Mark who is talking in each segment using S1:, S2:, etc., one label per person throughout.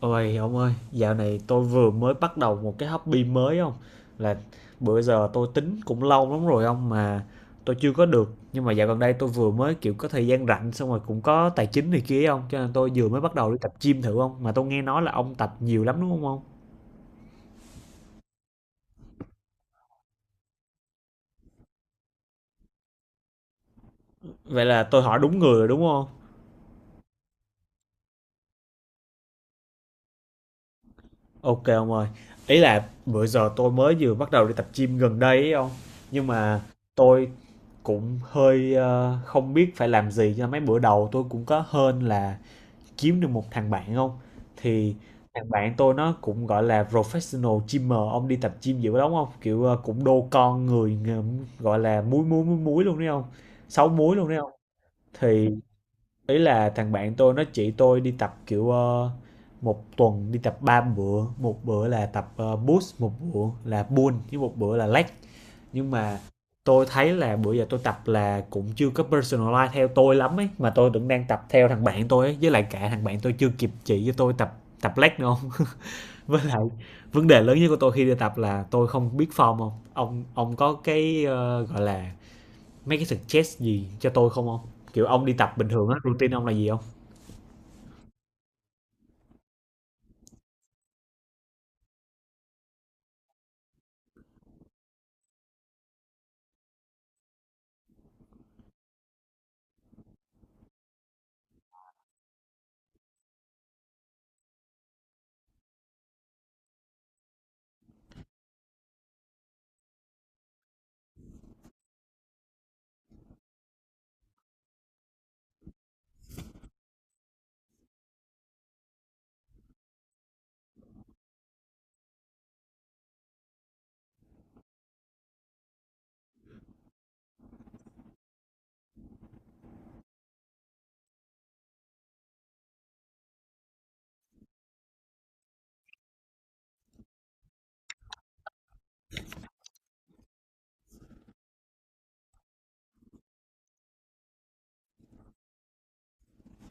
S1: Ôi ông ơi, dạo này tôi vừa mới bắt đầu một cái hobby mới không? Là bữa giờ tôi tính cũng lâu lắm rồi ông mà tôi chưa có được. Nhưng mà dạo gần đây tôi vừa mới kiểu có thời gian rảnh xong rồi cũng có tài chính này kia không? Cho nên tôi vừa mới bắt đầu đi tập gym thử không? Mà tôi nghe nói là ông tập nhiều lắm đúng không ông? Vậy là tôi hỏi đúng người rồi đúng không? Ok ông ơi. Ý là bữa giờ tôi mới vừa bắt đầu đi tập gym gần đây ấy ông. Nhưng mà tôi cũng hơi không biết phải làm gì cho mấy bữa đầu. Tôi cũng có hên là kiếm được một thằng bạn không? Thì thằng bạn tôi nó cũng, gọi là, professional gymmer, ông đi tập gym dữ lắm không, kiểu, cũng đô con người, ng gọi là, múi, múi, múi, múi luôn đấy không, sáu múi luôn đấy không? Thì ý là thằng bạn tôi nó chỉ tôi đi tập, kiểu, 1 tuần đi tập 3 bữa, một bữa là tập, push, một bữa là pull, với một bữa là leg. Nhưng mà tôi thấy là bữa giờ tôi tập là cũng chưa có personalize theo tôi lắm ấy, mà tôi vẫn đang tập theo thằng bạn tôi ấy, với lại cả thằng bạn tôi chưa kịp chỉ cho tôi tập tập leg nữa không. Với lại vấn đề lớn nhất của tôi khi đi tập là tôi không biết form không? Ông có cái gọi là mấy cái suggest gì cho tôi không không, kiểu ông đi tập bình thường á, routine ông là gì không?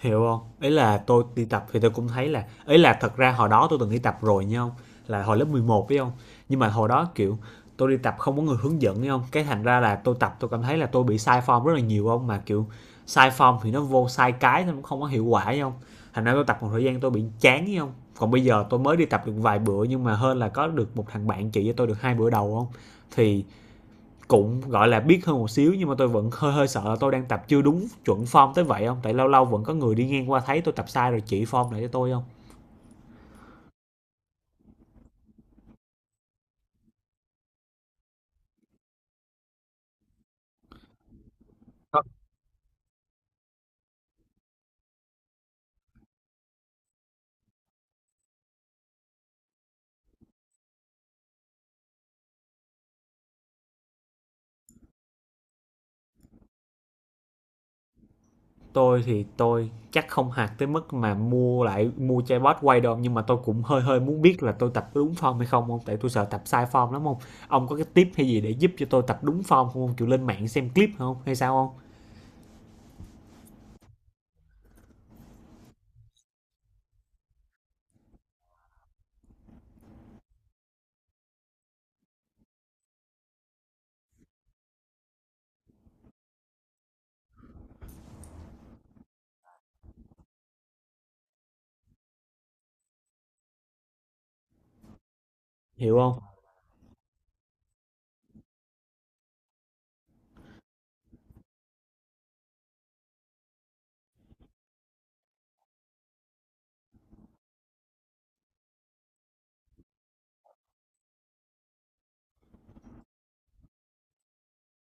S1: Hiểu không, ấy là tôi đi tập thì tôi cũng thấy là, ấy là, thật ra hồi đó tôi từng đi tập rồi nha không, là hồi lớp 11 phải không. Nhưng mà hồi đó kiểu tôi đi tập không có người hướng dẫn hiểu không, cái thành ra là tôi tập tôi cảm thấy là tôi bị sai form rất là nhiều không, mà kiểu sai form thì nó vô sai, cái nó cũng không có hiệu quả hiểu không. Thành ra tôi tập một thời gian tôi bị chán hiểu không. Còn bây giờ tôi mới đi tập được vài bữa, nhưng mà hơn là có được một thằng bạn chỉ cho tôi được hai bữa đầu không. Thì cũng gọi là biết hơn một xíu, nhưng mà tôi vẫn hơi hơi sợ là tôi đang tập chưa đúng chuẩn form tới vậy không, tại lâu lâu vẫn có người đi ngang qua thấy tôi tập sai rồi chỉ form lại cho tôi không. Không. Tôi thì tôi chắc không hạt tới mức mà mua lại mua chai bót quay đâu, nhưng mà tôi cũng hơi hơi muốn biết là tôi tập đúng form hay không không, tại tôi sợ tập sai form lắm không. Ông có cái tip hay gì để giúp cho tôi tập đúng form không ông, kiểu lên mạng xem clip không hay sao không? Hiểu không.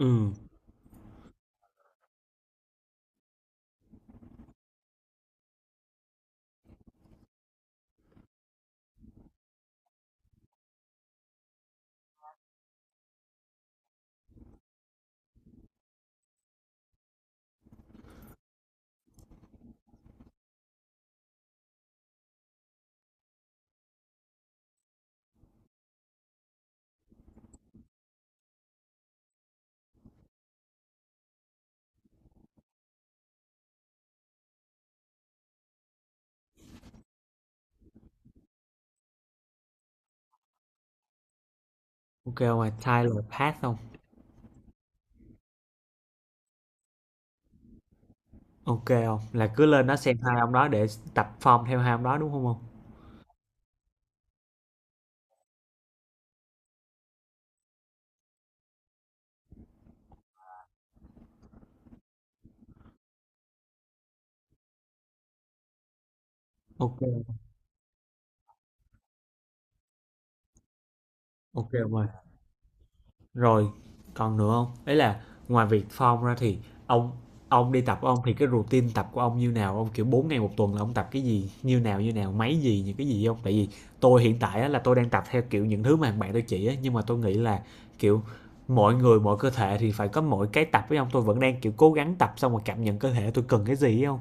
S1: Ừ. Ok không. Mà Tyler Path không. Ok không, là cứ lên đó xem hai ông đó để tập form theo hai ông đó đúng không không? Ok. OK ông ơi. Rồi, còn nữa không? Đấy là ngoài việc form ra thì ông ông đi tập của ông thì cái routine tập của ông như nào? Ông, kiểu, 4 ngày một tuần là ông tập cái gì? Như nào, như nào? Máy gì, những cái gì không? Tại vì tôi hiện tại á là tôi đang tập theo, kiểu, những thứ mà thằng bạn tôi chỉ á, nhưng mà tôi nghĩ là, kiểu, mọi người mỗi cơ thể thì phải có mỗi cái tập với ông. Tôi vẫn đang, kiểu, cố gắng tập xong rồi cảm nhận cơ thể tôi cần cái gì ấy hông?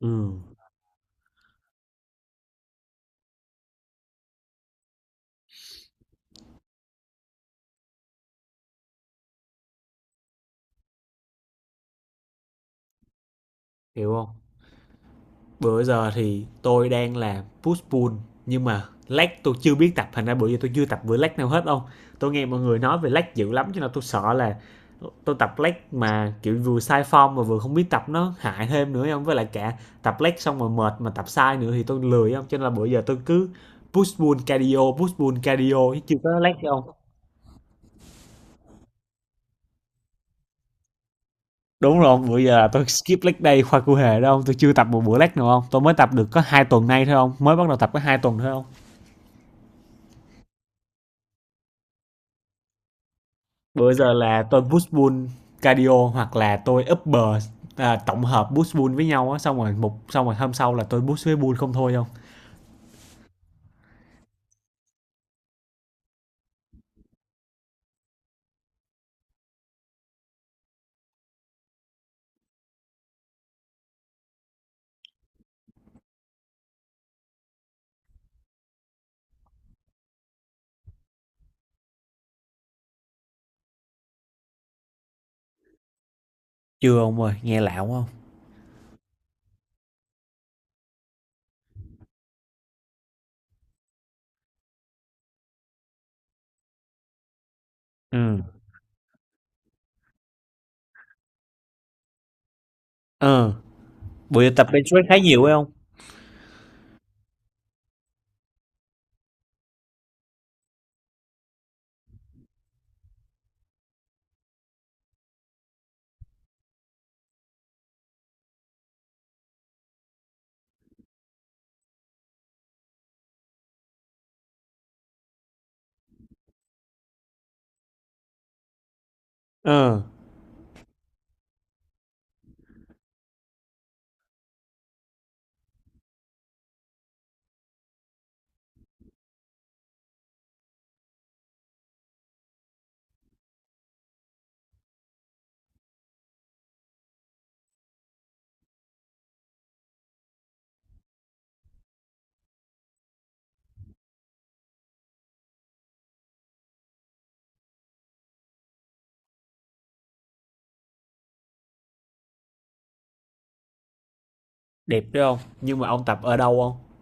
S1: Ừm. Hiểu không? Bữa giờ thì tôi đang làm push pull, nhưng mà lag tôi chưa biết tập, thành ra bữa giờ tôi chưa tập bữa lag nào hết đâu. Tôi nghe mọi người nói về lag dữ lắm, cho nên tôi sợ là tôi tập lag mà kiểu vừa sai form mà vừa không biết tập, nó hại thêm nữa không, với lại cả tập lag xong rồi mệt mà tập sai nữa thì tôi lười không. Cho nên là bữa giờ tôi cứ push pull cardio chứ chưa có lag không. Đúng rồi không? Bữa giờ là tôi skip leg day khoa cụ hề đâu, tôi chưa tập một bữa leg nào không, tôi mới tập được có hai tuần nay thôi không, mới bắt đầu tập có hai tuần thôi không. Bữa giờ là tôi push pull cardio, hoặc là tôi upper, à, tổng hợp push pull với nhau á, xong rồi một, xong rồi hôm sau là tôi push với pull không thôi không? Chưa ông ơi, nghe lạo không? Ừ. Ừ. Bữa giờ tập bench press khá nhiều phải không? Ừ. Đẹp đấy không? Nhưng mà ông tập ở đâu không?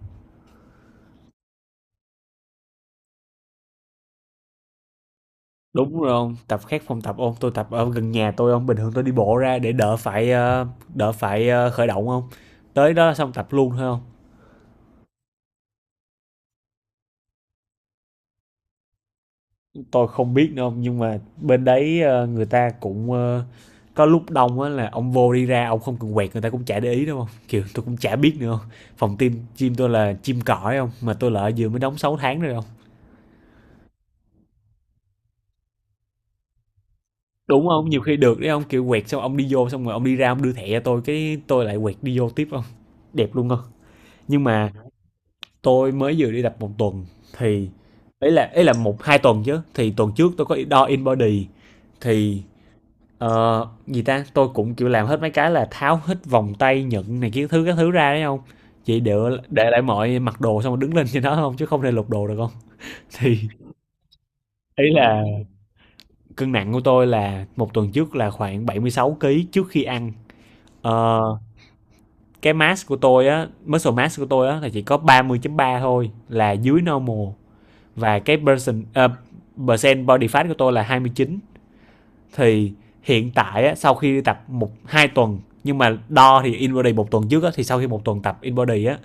S1: Đúng rồi ông. Tập khác phòng tập không? Tôi tập ở gần nhà tôi không? Bình thường tôi đi bộ ra để đỡ phải đỡ phải khởi động không? Tới đó xong tập luôn thôi không? Tôi không biết nữa không, nhưng mà bên đấy người ta cũng có lúc đông á là ông vô đi ra ông không cần quẹt người ta cũng chả để ý đúng không, kiểu tôi cũng chả biết nữa không. Phòng tim chim tôi là chim cõi không, mà tôi là vừa mới đóng 6 tháng rồi không. Đúng không, nhiều khi được đấy không, kiểu quẹt xong ông đi vô xong rồi ông đi ra ông đưa thẻ cho tôi cái tôi lại quẹt đi vô tiếp không. Đẹp luôn không. Nhưng mà tôi mới vừa đi tập một tuần thì ấy là, ấy là một hai tuần chứ, thì tuần trước tôi có đo in body thì, gì ta? Tôi cũng kiểu làm hết mấy cái là tháo hết vòng tay, nhẫn này kiến thứ các thứ ra đấy không? Chị để lại mọi mặc đồ xong rồi đứng lên trên đó không, chứ không thể lục đồ được không. Thì ý là cân nặng của tôi là một tuần trước là khoảng 76 kg trước khi ăn. Ờ, cái mass của tôi á, muscle mass của tôi á là chỉ có 30.3 thôi, là dưới normal, và cái person percent body fat của tôi là 29. Thì hiện tại sau khi tập một hai tuần, nhưng mà đo thì InBody một tuần trước á, thì sau khi một tuần tập InBody á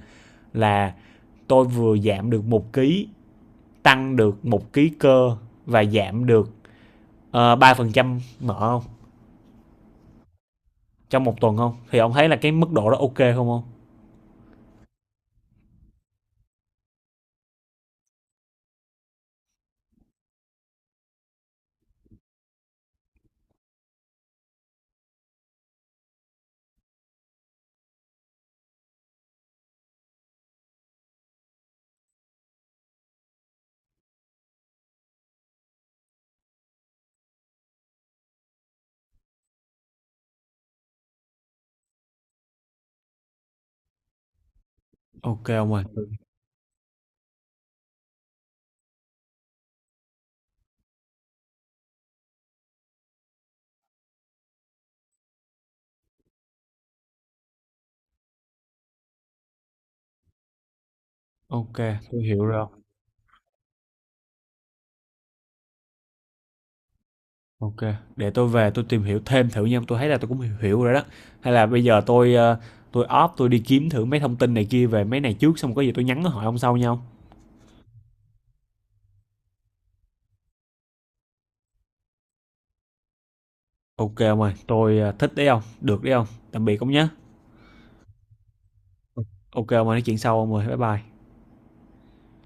S1: là tôi vừa giảm được một ký, tăng được một ký cơ, và giảm được 3% mỡ không, trong một tuần không. Thì ông thấy là cái mức độ đó ok không không? Ok ông ơi, ok, tôi hiểu rồi. Ok, để tôi về tôi tìm hiểu thêm thử nha, tôi thấy là tôi cũng hiểu, hiểu rồi đó. Hay là bây giờ tôi tôi off tôi đi kiếm thử mấy thông tin này kia về mấy này trước xong có gì tôi nhắn hỏi ông sau nhau. Ok ông ơi, tôi à, thích đấy ông, được đấy ông. Tạm biệt ông nhé. Ok ông ơi, nói chuyện sau ông ơi, bye bye.